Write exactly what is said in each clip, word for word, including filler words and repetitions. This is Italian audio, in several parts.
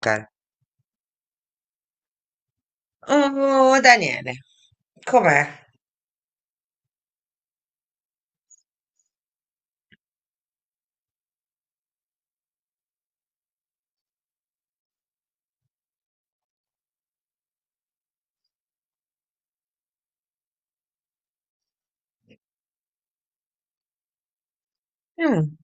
Cara. Oh, Daniele, com'è? Mm.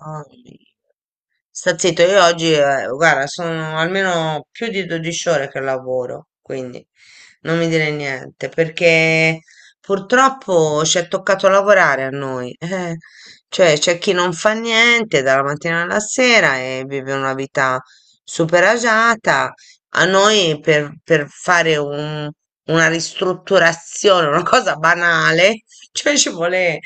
Oh, sta zitto, io oggi, eh, guarda, sono almeno più di dodici ore che lavoro, quindi non mi dire niente, perché purtroppo ci è toccato lavorare a noi. eh. Cioè, c'è chi non fa niente dalla mattina alla sera e vive una vita super agiata. A noi per, per fare un- una ristrutturazione, una cosa banale, cioè ci vuole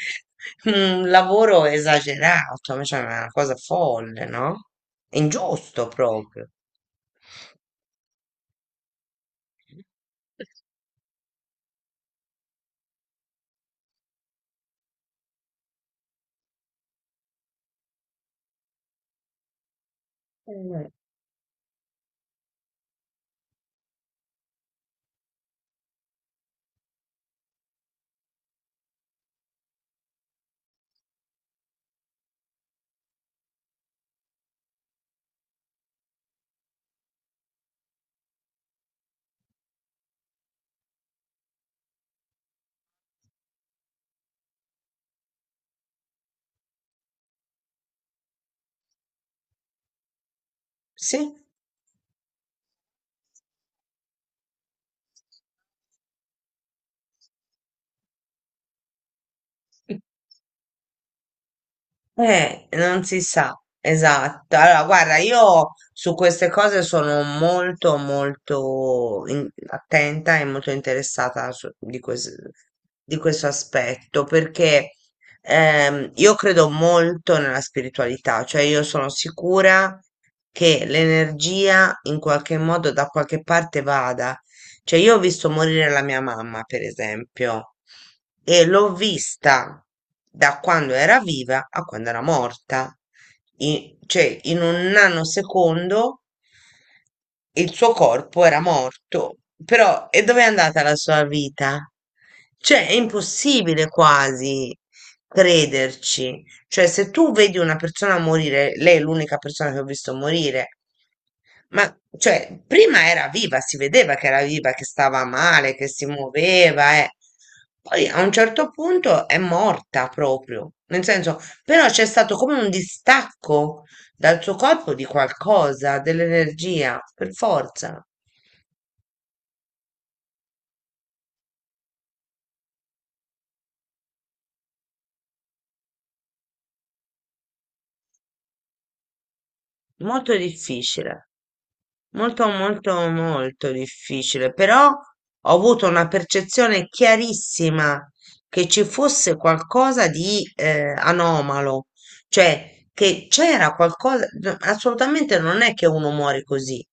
un lavoro esagerato, cioè una cosa folle, no? È ingiusto proprio. Mm. Sì. Eh, non si sa, esatto. Allora, guarda, io su queste cose sono molto, molto in- attenta e molto interessata su- di, ques- di questo aspetto, perché ehm, io credo molto nella spiritualità, cioè io sono sicura che l'energia in qualche modo da qualche parte vada. Cioè, io ho visto morire la mia mamma, per esempio, e l'ho vista da quando era viva a quando era morta. I- cioè, in un nanosecondo il suo corpo era morto. Però, e dove è andata la sua vita? Cioè, è impossibile quasi crederci. Cioè, se tu vedi una persona morire, lei è l'unica persona che ho visto morire, ma cioè, prima era viva, si vedeva che era viva, che stava male, che si muoveva, eh. Poi a un certo punto è morta proprio, nel senso, però c'è stato come un distacco dal suo corpo di qualcosa, dell'energia, per forza. Molto difficile. Molto, molto, molto difficile, però ho avuto una percezione chiarissima che ci fosse qualcosa di eh, anomalo, cioè che c'era qualcosa, no, assolutamente non è che uno muore così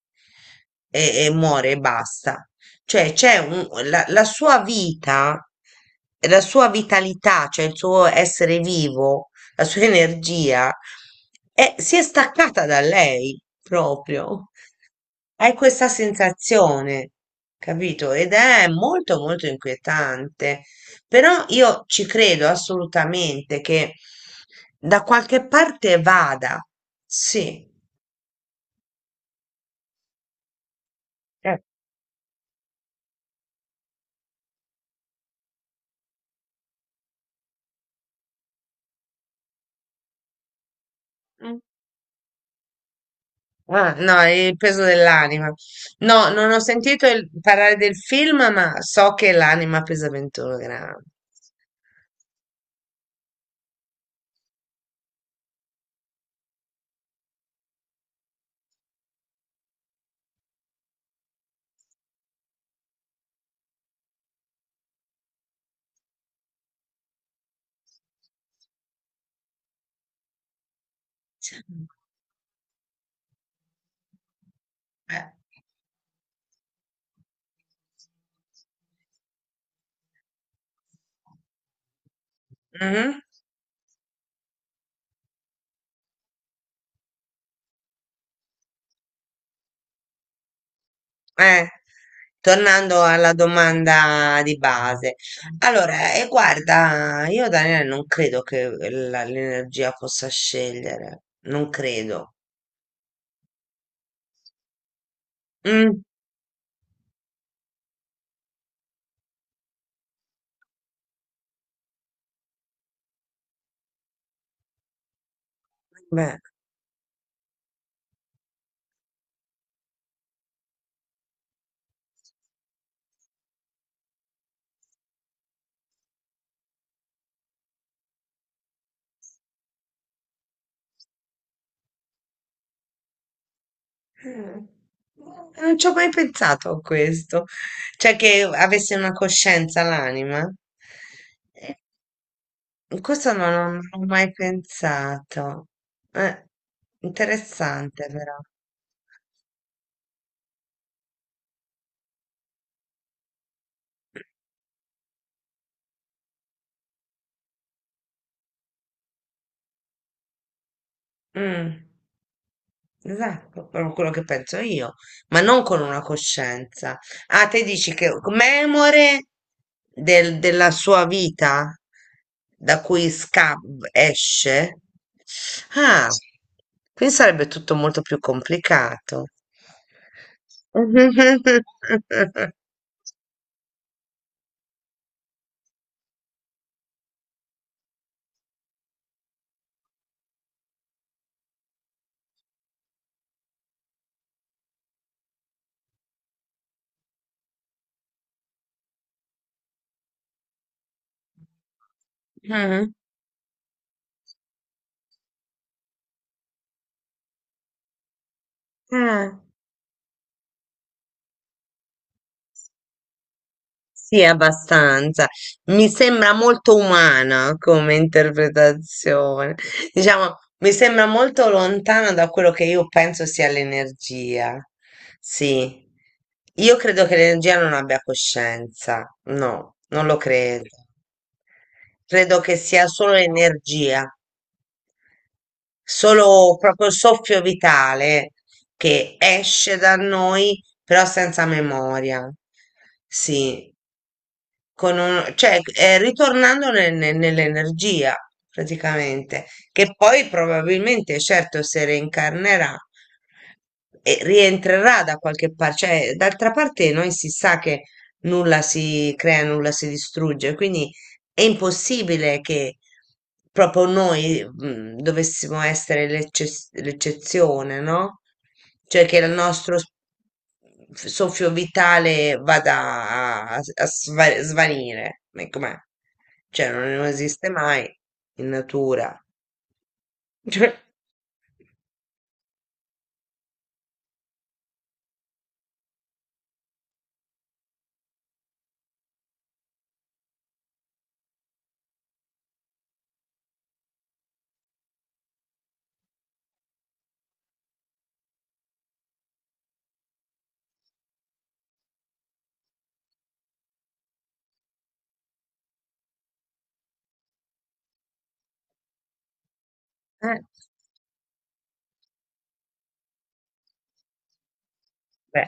e, e muore e basta, cioè c'è un- la, la sua vita, la sua vitalità, cioè il suo essere vivo, la sua energia, è- si è staccata da lei proprio. Hai questa sensazione, capito? Ed è molto molto inquietante. Però io ci credo assolutamente che da qualche parte vada. Sì. Eh. Mm. Ah, no, il peso dell'anima. No, non ho sentito il- parlare del film, ma so che l'anima pesa ventuno grammi. Eh. Mhm. Eh, tornando alla domanda di base. Allora, e guarda, io Daniele non credo che la- l'energia possa scegliere, non credo. Mm, beh, mm, non ci ho mai pensato a questo, cioè che avesse una coscienza l'anima. Eh, Questo non, ho non ho mai pensato. Eh, interessante però. Mm. Esatto, proprio quello che penso io, ma non con una coscienza. Ah, te dici che memore del- della sua vita da cui sca- esce? Ah, quindi sarebbe tutto molto più complicato. Mhm. Ah. Sì, abbastanza. Mi sembra molto umana come interpretazione. Diciamo, mi sembra molto lontana da quello che io penso sia l'energia. Sì. Io credo che l'energia non abbia coscienza. No, non lo credo. Credo che sia solo energia, solo proprio soffio vitale che esce da noi, però senza memoria. Sì. Con un- cioè, eh, ritornando ne- ne- nell'energia praticamente, che poi probabilmente, certo, se reincarnerà e rientrerà da qualche parte, cioè, d'altra parte noi si sa che nulla si crea, nulla si distrugge, quindi è impossibile che proprio noi, mm, dovessimo essere l'eccez- l'eccezione, no? Cioè che il nostro s- soffio vitale vada a, a sva- svanire. Ma com'è? Cioè non, non esiste mai in natura. Cioè, eh, beh.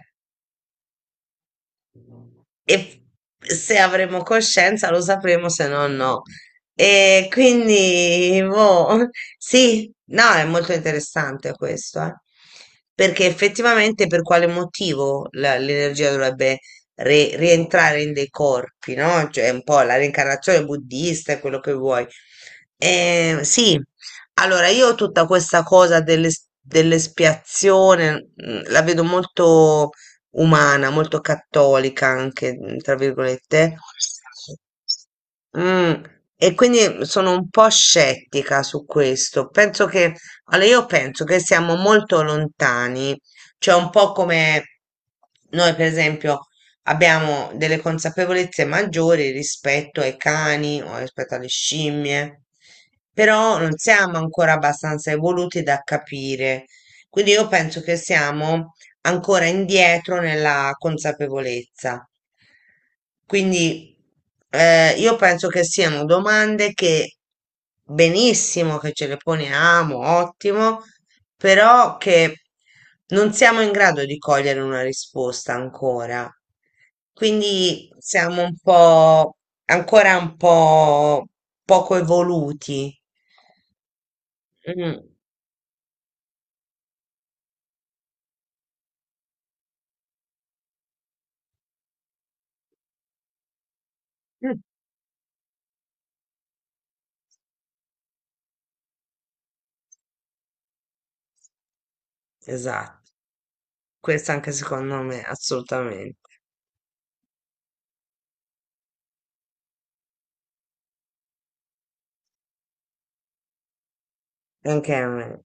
E se avremo coscienza lo sapremo, se no no. E quindi, boh, sì, no, è molto interessante questo, eh. Perché effettivamente per quale motivo la- l'energia dovrebbe re- rientrare in dei corpi, no? Cioè, un po' la reincarnazione buddista e quello che vuoi. Eh, sì, allora io tutta questa cosa dell'es- dell'espiazione mm, la vedo molto umana, molto cattolica anche, mhmm, tra virgolette. Mh, e quindi sono un po' scettica su questo. Penso che, allora io penso che siamo molto lontani, cioè un po' come noi per esempio abbiamo delle consapevolezze maggiori rispetto ai cani o rispetto alle scimmie, però non siamo ancora abbastanza evoluti da capire. Quindi io penso che siamo ancora indietro nella consapevolezza. Quindi eh, io penso che siano domande che benissimo che ce le poniamo, ottimo, però che non siamo in grado di cogliere una risposta ancora. Quindi siamo un po' ancora un po' poco evoluti. Mm. Mm. Esatto, questo anche secondo me, assolutamente, anche a me.